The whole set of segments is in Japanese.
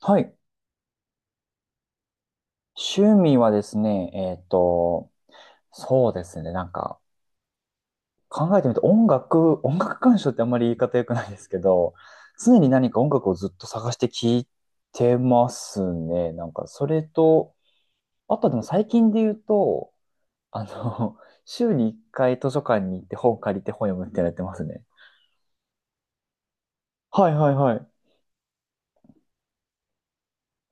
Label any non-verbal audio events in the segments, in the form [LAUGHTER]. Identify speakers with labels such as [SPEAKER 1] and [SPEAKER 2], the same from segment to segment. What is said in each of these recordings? [SPEAKER 1] はい。趣味はですね、そうですね、なんか、考えてみて、音楽鑑賞ってあんまり言い方良くないですけど、常に何か音楽をずっと探して聴いてますね。なんか、それと、あとでも最近で言うと、あの、[LAUGHS] 週に1回図書館に行って本借りて本読むってやってますね。はいはいはい。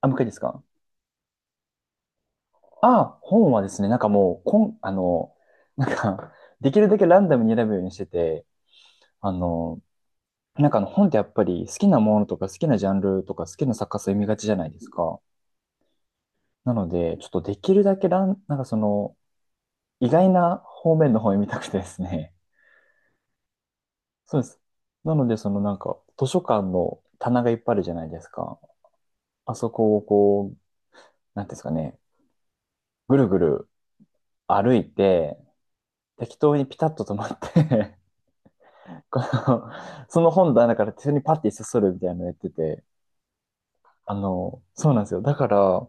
[SPEAKER 1] あ、もう一回ですか。あ、本はですね、なんかもう、こん、あの、なんか、[LAUGHS] できるだけランダムに選ぶようにしてて、あの、なんかあの本ってやっぱり好きなものとか好きなジャンルとか好きな作家さん読みがちじゃないですか。なので、ちょっとできるだけラン、なんかその意外な方面の方を読みたくてですね。[LAUGHS] そうです。なので、そのなんか図書館の棚がいっぱいあるじゃないですか。あそこをこう、なんていうんですかね、ぐるぐる歩いて、適当にピタッと止まって [LAUGHS] この、その本棚から手にパッて一冊取るみたいなのやってて、そうなんですよ。だから、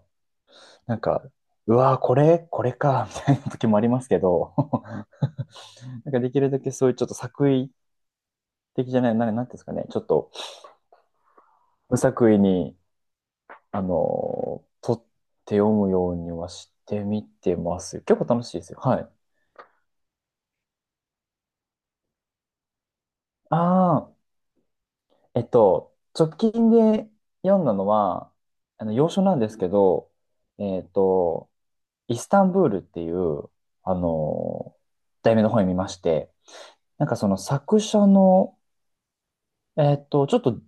[SPEAKER 1] なんか、うわー、これか、みたいな時もありますけど、[LAUGHS] なんかできるだけそういうちょっと作為的じゃない、なんなんていうんですかね、ちょっと無作為に、あの取って読むようにはしてみてます。結構楽しいですよ。はい。ああ、えっと、直近で読んだのは、洋書なんですけど、えっと、イスタンブールっていう、あのー題名の本を見まして、なんかその作者の、えっと、ちょっと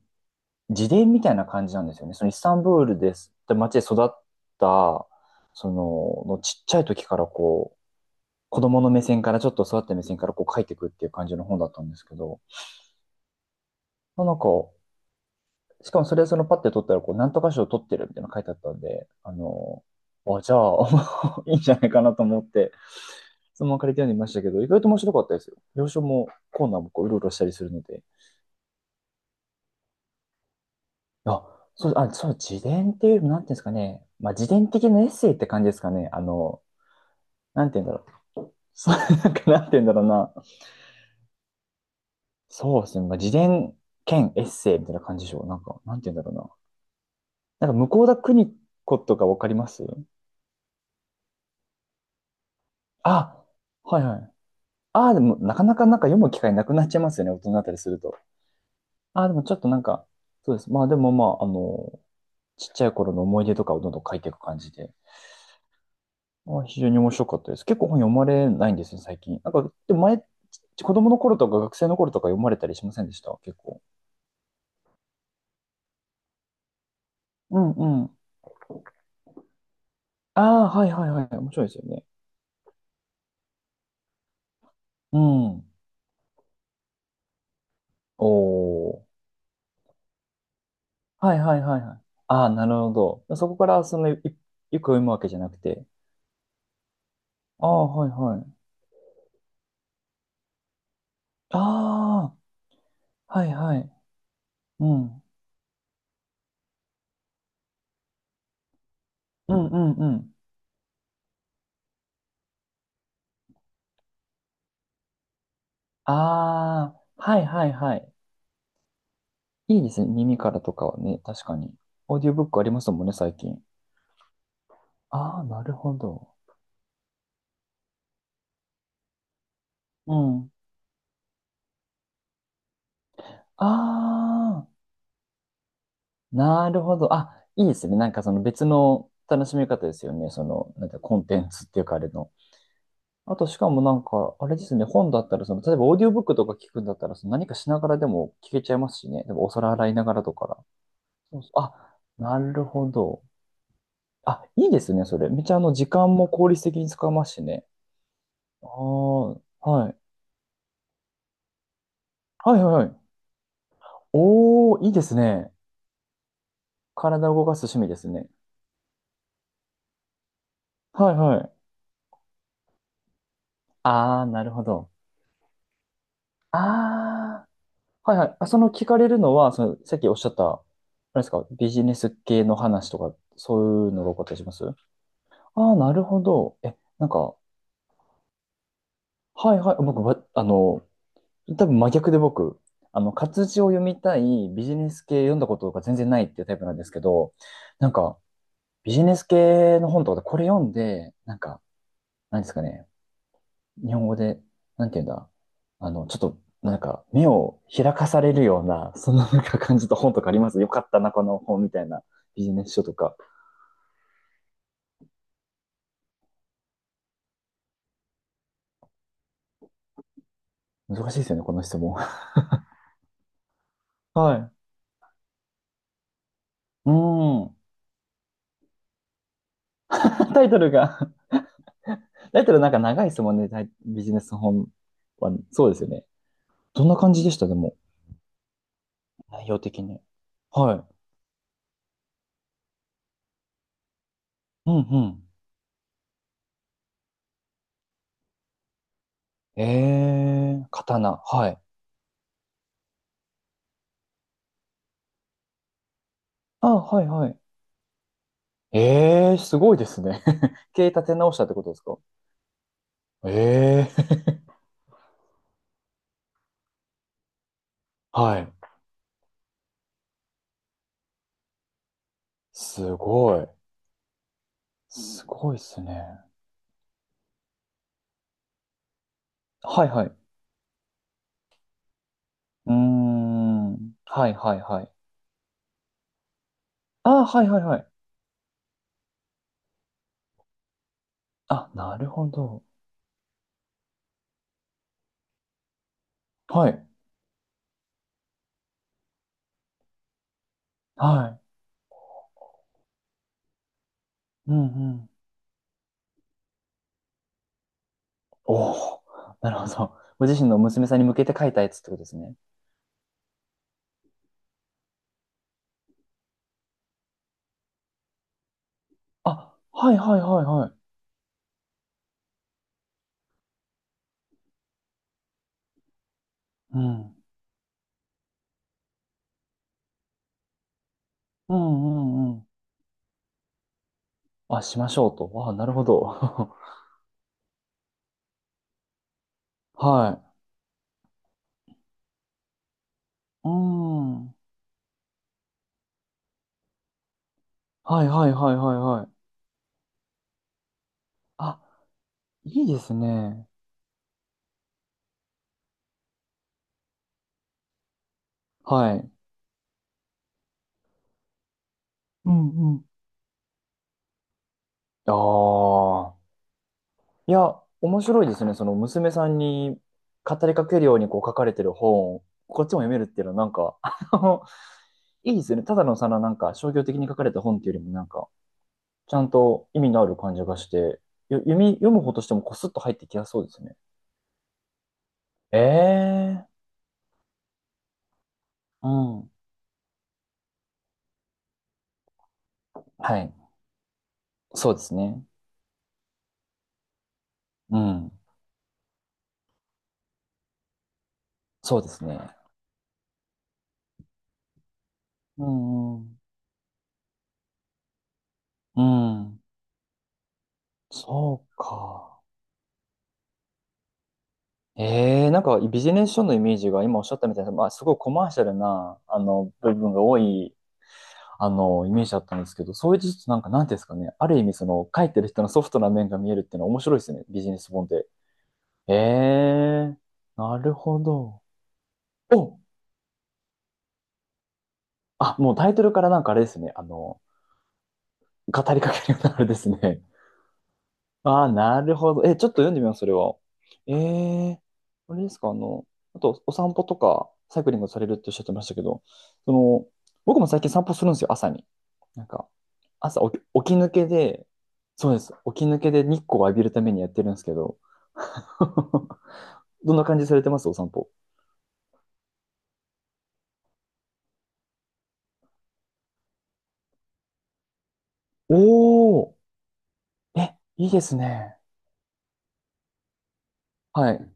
[SPEAKER 1] 自伝みたいな感じなんですよね。そのイスタンブールですって街で育った、そのちっちゃい時からこう、子供の目線からちょっと育った目線からこう書いていくっていう感じの本だったんですけど、まあなんか、しかもそれそのパッて取ったらこう、なんとか賞取ってるみたいなの書いてあったんで、あ、じゃあ [LAUGHS]、いいんじゃないかなと思って、そのまま借りて読んでみましたけど、意外と面白かったですよ。要所もコーナーもこう、うろうろしたりするので、あ、そう、あ、そう、自伝っていうよりも、なんていうんですかね。まあ、自伝的なエッセイって感じですかね。あの、なんていうんだろう。なんていうんだろうな。そうですね。まあ、自伝兼エッセイみたいな感じでしょう。なんか、なんていうんだろうな。なんか、向田邦子とかわかりますあ、はいはい。ああ、でも、なかなかなんか読む機会なくなっちゃいますよね。大人になったりすると。ああ、でもちょっとなんか、そうです。まあ、ちっちゃい頃の思い出とかをどんどん書いていく感じで。あ、非常に面白かったです。結構本読まれないんですよ、最近。なんか、でも前、子供の頃とか学生の頃とか読まれたりしませんでした結構？うんうん。ああ、はいはいはい。面白いですよね。うん。おー。はいはいはいはい。ああ、なるほど。そこから、その、いよく読むわけじゃなくて。ああ、はいはい。ああ、はいはい。うん。うんうんうん。ああ、はいはいはい。いいですね。耳からとかはね、確かに。オーディオブックありますもんね、最近。ああ、なるほど。うん。ああ、なるほど。あ、いいですね。なんかその別の楽しみ方ですよね。その、なんてコンテンツっていうかあれの。あとしかもなんか、あれですね。本だったら、その、例えばオーディオブックとか聞くんだったら、その何かしながらでも聞けちゃいますしね。でもお皿洗いながらとか。そうそう。あ、なるほど。あ、いいですね。それ。めっちゃあの、時間も効率的に使えますしね。ああ、はい。はいはいはい。おー、いいですね。体を動かす趣味ですね。はいはい。ああ、なるほど。ああ、はいはい。あ、その聞かれるのは、その、さっきおっしゃった、あれですか、ビジネス系の話とか、そういうのが多かったりしますああー、なるほど。え、なんか、はいはい。僕、ばあの、多分真逆で僕、あの、活字を読みたい、ビジネス系読んだことが全然ないっていうタイプなんですけど、なんか、ビジネス系の本とかでこれ読んで、なんか、なんですかね、日本語で、なんていうんだ、あの、ちょっと、なんか、目を開かされるような、そんななんか感じた本とかありますよかったな、この本みたいなビジネス書とか。難しいですよね、この質問。[LAUGHS] はい。うーん。[LAUGHS] タイトルが [LAUGHS] タイトルなんか長いですもんね、タイビジネス本は。そうですよね。どんな感じでした、でも、内容的に。はい。うんうん。えー、刀。はい。あ、はいはい。えー、すごいですね。[LAUGHS] 経営立て直したってことですか？えー、はい。すごい。すごいっすね。はいはい。うーん。はいはいはい。ああ、はいはいはい。あ、なるほど。はい。はい。うんうん。おお、なるほど。ご自身の娘さんに向けて書いたやつってことですね。あ、はいはいはいはい。うん。うんうんうん。あ、しましょうと。あ、なるほど。[LAUGHS] はい。うん。はいはいはいはいはい。あ、いいですね。はい。うんうん。ああ。いや、面白いですね。その娘さんに語りかけるようにこう書かれてる本を、こっちも読めるっていうのはなんか、あの、いいですよね。ただのそのなんか商業的に書かれた本っていうよりもなんか、ちゃんと意味のある感じがして、よ読み、読む方としてもこすっと入ってきやすそうですね。ええ。うん。はい。そうですね。うん。そうですね。うんうん。うん。そうか。ええ、なんかビジネス書のイメージが今おっしゃったみたいな、まあ、すごいコマーシャルな、部分が多い、あの、イメージだったんですけど、そういうちょっとなんか、なんていうんですかね、ある意味その、書いてる人のソフトな面が見えるっていうのは面白いですね、ビジネス本で。ええ、なるほど。お、あ、もうタイトルからなんかあれですね、あの、語りかけるようなあれですね。ああ、なるほど。え、ちょっと読んでみます、それは。ええ、あれですか、あの、あと、お散歩とか、サイクリングされるっておっしゃってましたけど、その、僕も最近散歩するんですよ、朝に。なんか、朝起き、起き抜けで、そうです、起き抜けで日光を浴びるためにやってるんですけど、[LAUGHS] どんな感じされてます、お散歩。おー。え、いいですね。はい。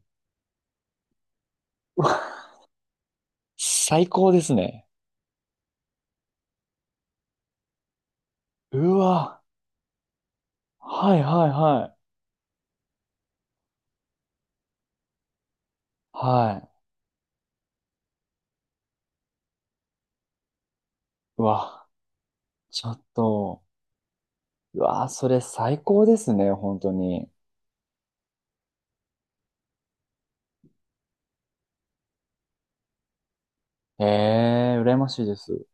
[SPEAKER 1] 最高ですね。うわ、はいはいはい。はい。うわ、ちょっと。うわあ、それ最高ですね、本当に。ええ、羨ましいです。